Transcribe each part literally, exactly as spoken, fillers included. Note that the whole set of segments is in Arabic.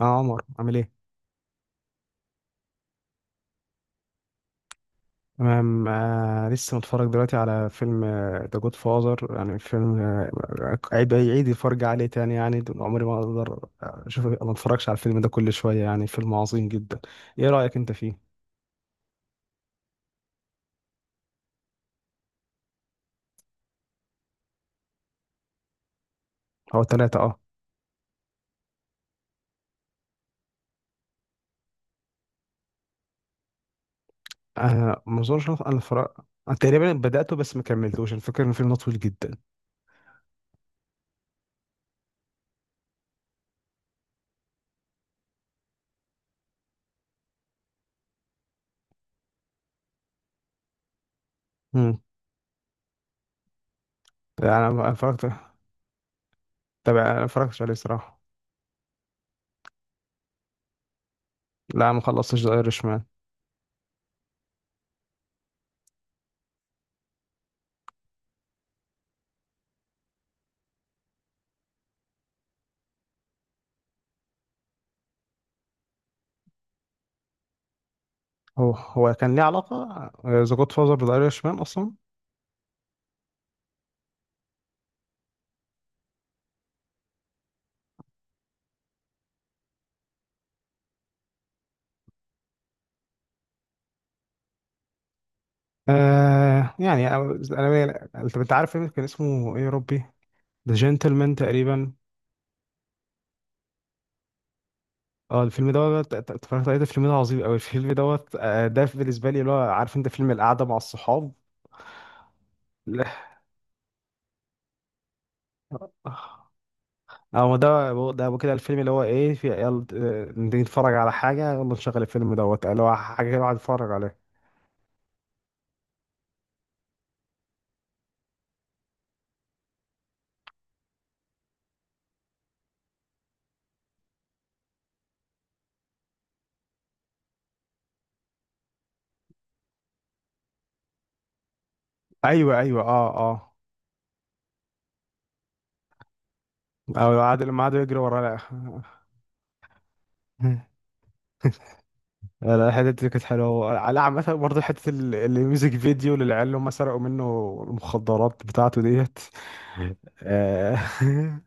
اه عمر عامل ايه؟ تمام. آه لسه متفرج دلوقتي على فيلم ذا جود فاذر. يعني فيلم، آه عيد عيد الفرج عليه تاني. يعني دول عمري ما اقدر آه، اشوف، ما اتفرجش على الفيلم ده كل شويه. يعني فيلم عظيم جدا. ايه رايك انت فيه؟ هو ثلاثه، اه. آه، ما اظنش انا أنا اتفرج. أنا تقريبا بداته بس ما كملتوش. الفكره ان الفيلم ده طويل جدا. امم. يعني انا اتفرجت. طب انا ما اتفرجتش عليه صراحه، لا ما خلصتش ذا ايرش مان. هو هو كان ليه علاقه ذا جود فاذر بذا ايرش مان اصلا؟ آه يعني أنا- أنا- انت انت عارف فيلم كان اسمه ايه يا ربي؟ ذا جنتلمان تقريبا. اه الفيلم دوت، ت- ت- اتفرجت عليه، ده فيلم ده عظيم قوي. الفيلم دوت، آه، ده بالنسبه لي، اللي هو عارف انت فيلم القعده مع الصحاب. لا. اه ده. ده كده الفيلم اللي هو ايه، في يلا آه، نيجي نتفرج على حاجه، يلا نشغل الفيلم دوت، اللي هو حاجه كده الواحد يتفرج عليها. ايوه ايوه اه اه. او قعد لما قعدوا يجري وراه. لا لا لا، الحتة دي كانت حلوة على عامة. برضه حتة ال- الميوزك فيديو للعيال اللي هم سرقوا منه المخدرات بتاعته ديت. آه،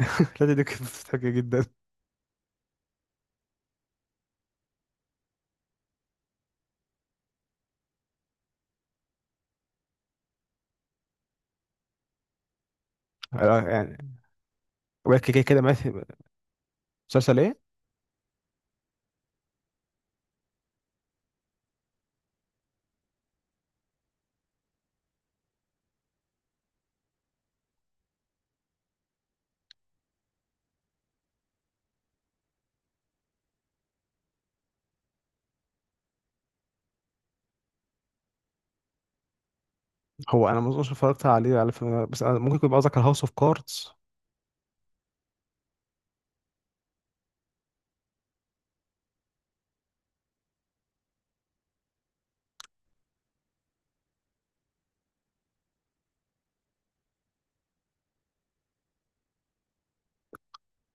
الحتة دي كانت مضحكة جدا. آه، يعني. وبعد كده كده مثل. مسلسل ايه؟ هو انا ما اظنش اتفرجت عليه على فيلم، بس أنا ممكن يكون قصدك على هاوس اوف كاردز.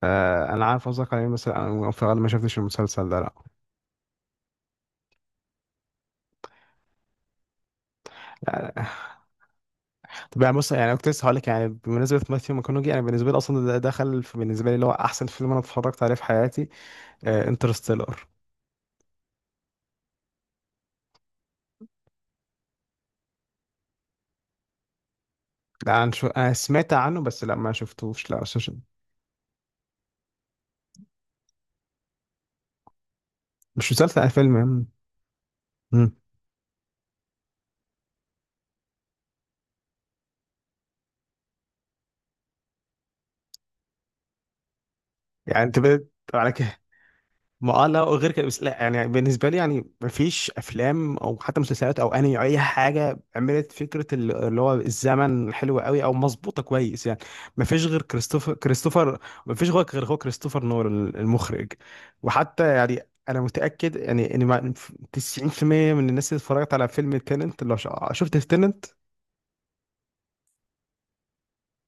آه انا عارف قصدك عليه. مثلا انا في الغالب ما شفتش المسلسل ده، لا. آه، طب يعني بص، يعني كنت لسه هقول لك، يعني بمناسبة ماثيو ماكونوجي، انا بالنسبة لي اصلا ده دخل في- بالنسبة لي اللي هو احسن فيلم انا اتفرجت عليه في حياتي، انترستيلر. لا انا شو... أنا سمعت عنه، بس لا ما شفتوش، لا مش مش, مش مسلسل، أنا فيلم. مم. مم. يعني انت بقيت على كده. ما اه لا، وغير كده، بس لا يعني بالنسبه لي، يعني ما فيش افلام او حتى مسلسلات او انمي او اي حاجه عملت فكره ال- اللي هو الزمن حلو قوي او مظبوطه كويس يعني. ما فيش غير كريستوفر، كريستوفر. ما فيش غير غير هو كريستوفر نولان المخرج. وحتى يعني انا متاكد يعني ان ما- تسعين في المية من الناس اللي اتفرجت على فيلم تيننت، لو ش- شفت تيننت.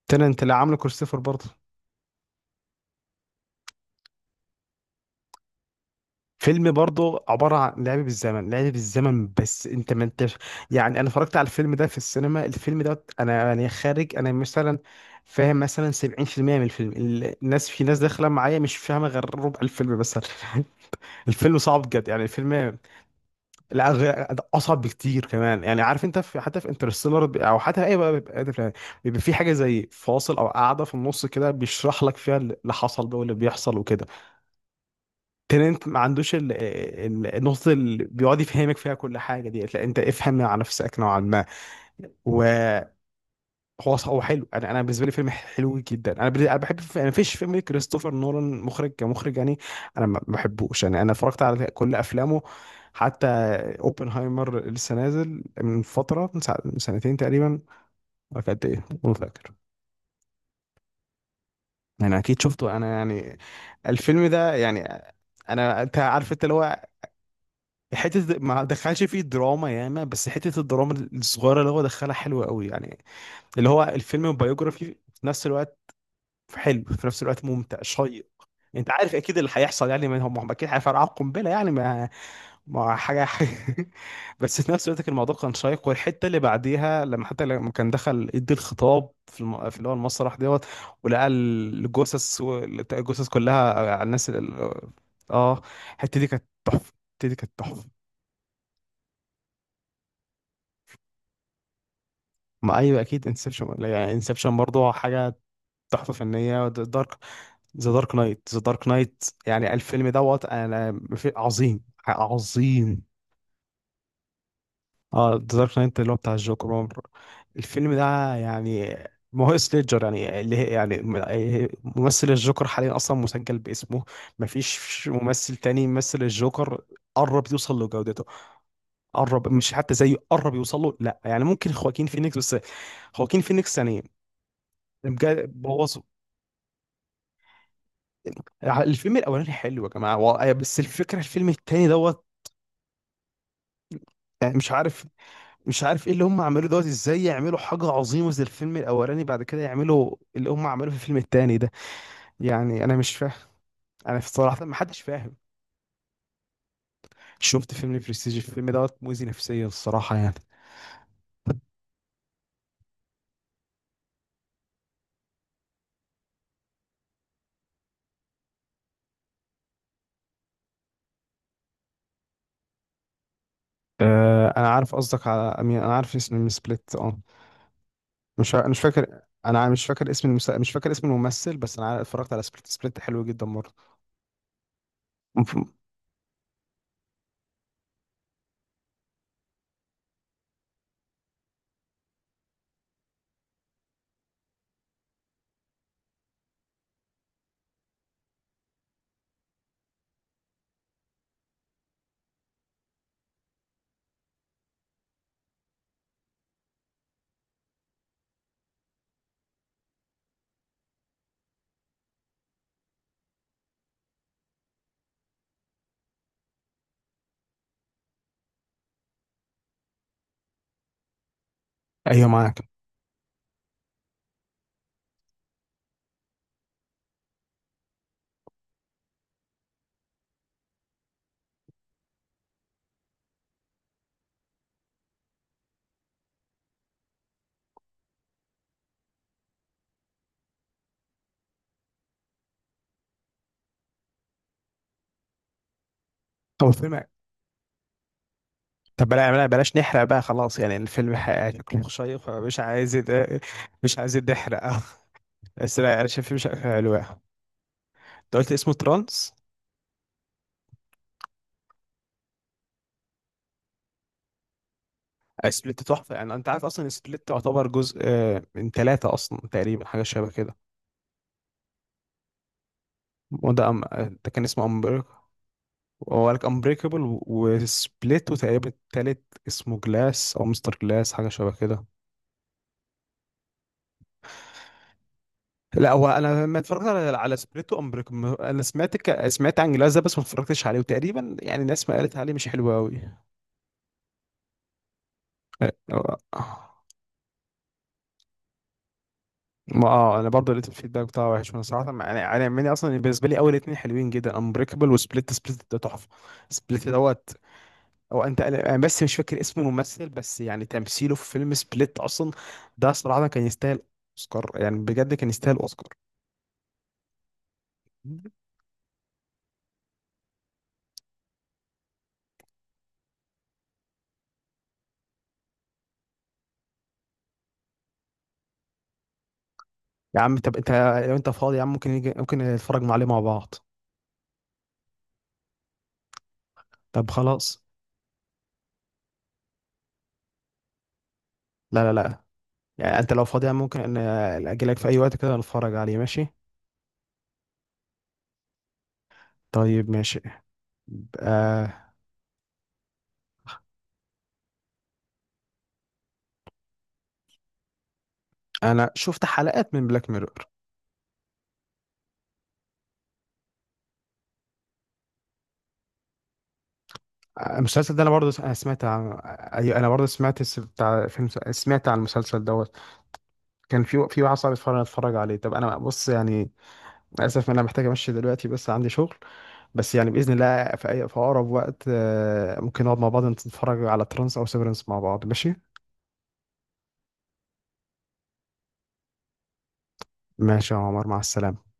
تيننت اللي عامله كريستوفر برضه، فيلم برضه عبارة عن لعب بالزمن، لعب بالزمن، بس انت ما انتش. يعني انا اتفرجت على الفيلم ده في السينما. الفيلم ده انا يعني خارج انا مثلا فاهم مثلا سبعين في المئة من الفيلم. ال- الناس، في ناس داخلة معايا مش فاهمة غير ربع الفيلم مثلا. الفيلم صعب جد، يعني الفيلم، لا غير- اصعب بكتير كمان. يعني عارف انت في، حتى في انترستيلر او حتى اي بقى بيبقى ده فيلم، بيبقى في حاجة زي فاصل او قاعدة في النص كده، بيشرح لك فيها اللي حصل ده واللي بيحصل وكده. ترنت ما عندوش ال- ال- النقطة اللي بيقعد يفهمك فيها كل حاجة دي. لا، انت افهم على نفسك نوعا ما. وهو ص- هو حلو. انا انا بالنسبة لي فيلم حلو جدا. انا بال- انا بحب، انا مفيش فيلم كريستوفر نولان مخرج كمخرج يعني انا ما ما بحبوش. يعني انا اتفرجت على كل افلامه، حتى اوبنهايمر اللي لسه نازل من فترة، من سع- من سنتين تقريبا، ولا كانت ايه ما فاكر. انا اكيد شفته انا. يعني الفيلم ده يعني انا، انت عارف انت اللي هو حته د- ما دخلش فيه دراما ياما، بس حته الدراما الصغيره اللي هو دخلها حلوه قوي يعني. اللي هو الفيلم بايوجرافي في نفس الوقت، حلو في نفس الوقت، ممتع شيق. انت عارف اكيد اللي هيحصل، يعني ما هم هم اكيد هيفرقعوا القنبله، يعني ما ما حاجه بس في نفس الوقت كان الموضوع كان شيق. والحته اللي بعديها، لما حتى لما كان دخل يدي الخطاب في الم... في اللي هو المسرح دوت، ولقى الجثث و- الجثث كلها، آه، على الناس ال-. اه الحته دي كانت تحفه. الحته دي كانت تحفه. ما ايوه اكيد انسبشن. يعني انسبشن برضه حاجه تحفه فنيه. دارك، ذا دارك نايت. ذا دارك نايت، يعني الفيلم دوت انا في عظيم، عظيم. اه ذا دارك نايت اللي هو بتاع الجوكر. الفيلم ده يعني ما هو سليجر، يعني اللي هي يعني م- آه، ممثل الجوكر حاليا اصلا مسجل باسمه. ما فيش ممثل تاني يمثل الجوكر، قرب يوصل لجودته. قرب، مش حتى زيه، قرب يوصل له. لا يعني ممكن خواكين فينيكس، بس خواكين فينيكس يعني بجد بوظوا. الفيلم الاولاني حلو يا جماعه و... آه، بس الفكره الفيلم التاني دوت يعني، مش عارف. مش عارف ايه اللي هم عملوه دوت، ازاي يعملوا حاجه عظيمه زي الفيلم الاولاني، بعد كده يعملوا اللي هم عملوه في الفيلم التاني ده. يعني انا مش فاهم، انا صراحه ما حدش فاهم. شفت فيلم برستيج، الفيلم دوت مؤذي نفسيا الصراحه يعني. آه انا عارف قصدك على أمين. انا عارف اسم من سبليت، اه. مش ع- انا مش فاكر، انا مش فاكر اسم المسا... مش فاكر اسم الممثل، بس انا عارف- اتفرجت على سبليت. سبليت حلو جدا برضه. مف-. ايوه معاك. هو الفيلم. طب بلا بلا- بلاش نحرق بقى خلاص. يعني الفيلم ح- شكله شيق، مش عايز يت-. مش عايز نحرق بس لا انا شايف الفيلم شكله حلو يعني. انت قلت اسمه ترانس. سبليت تحفه. يعني انت عارف اصلا سبليت تعتبر جزء، آه، من ثلاثه اصلا تقريبا، حاجه شبه كده. وده أم... آه، ده كان اسمه امبريك. وقالك امبريكابل. وسبليت. وتقريبا التالت اسمه جلاس او مستر جلاس، حاجه شبه كده. لا هو انا ما اتفرجت على على سبريتو امبريكم، انا سمعت ك... سمعت عن جلاس ده بس ما اتفرجتش عليه. وتقريبا يعني الناس ما قالت عليه مش حلو قوي. ما اه انا برضه لقيت الفيدباك بتاعه وحش. وانا صراحه ما- يعني انا مني اصلا بالنسبه لي اول اتنين حلوين جدا، امبريكابل وسبليت. سبليت ده تحفه. سبليت دوت، هو انت انا بس مش فاكر اسم الممثل، بس يعني تمثيله في فيلم سبليت اصلا ده صراحه كان يستاهل اوسكار. يعني بجد كان يستاهل اوسكار. يا عم طب انت، لو انت فاضي يا عم ممكن يجي... ممكن نتفرج عليه مع بعض. طب خلاص. لا لا لا، يعني انت لو فاضي، ممكن ان اجيلك في اي وقت كده نتفرج عليه، ماشي. طيب ماشي. آه انا شفت حلقات من بلاك ميرور. المسلسل ده انا برضه س- انا سمعت عن، ايوه انا برضه سمعت الس- بتاع فيلم، سمعت عن المسلسل دوت. كان في في واحد صاحبي اتفرج، اتفرج عليه. طب انا بص يعني للاسف انا محتاج امشي دلوقتي، بس عندي شغل. بس يعني باذن الله في اي في اقرب وقت، آه، ممكن نقعد مع بعض نتفرج على ترانس او سيفرنس مع بعض، ماشي. ماشي يا عمر، مع السلامة.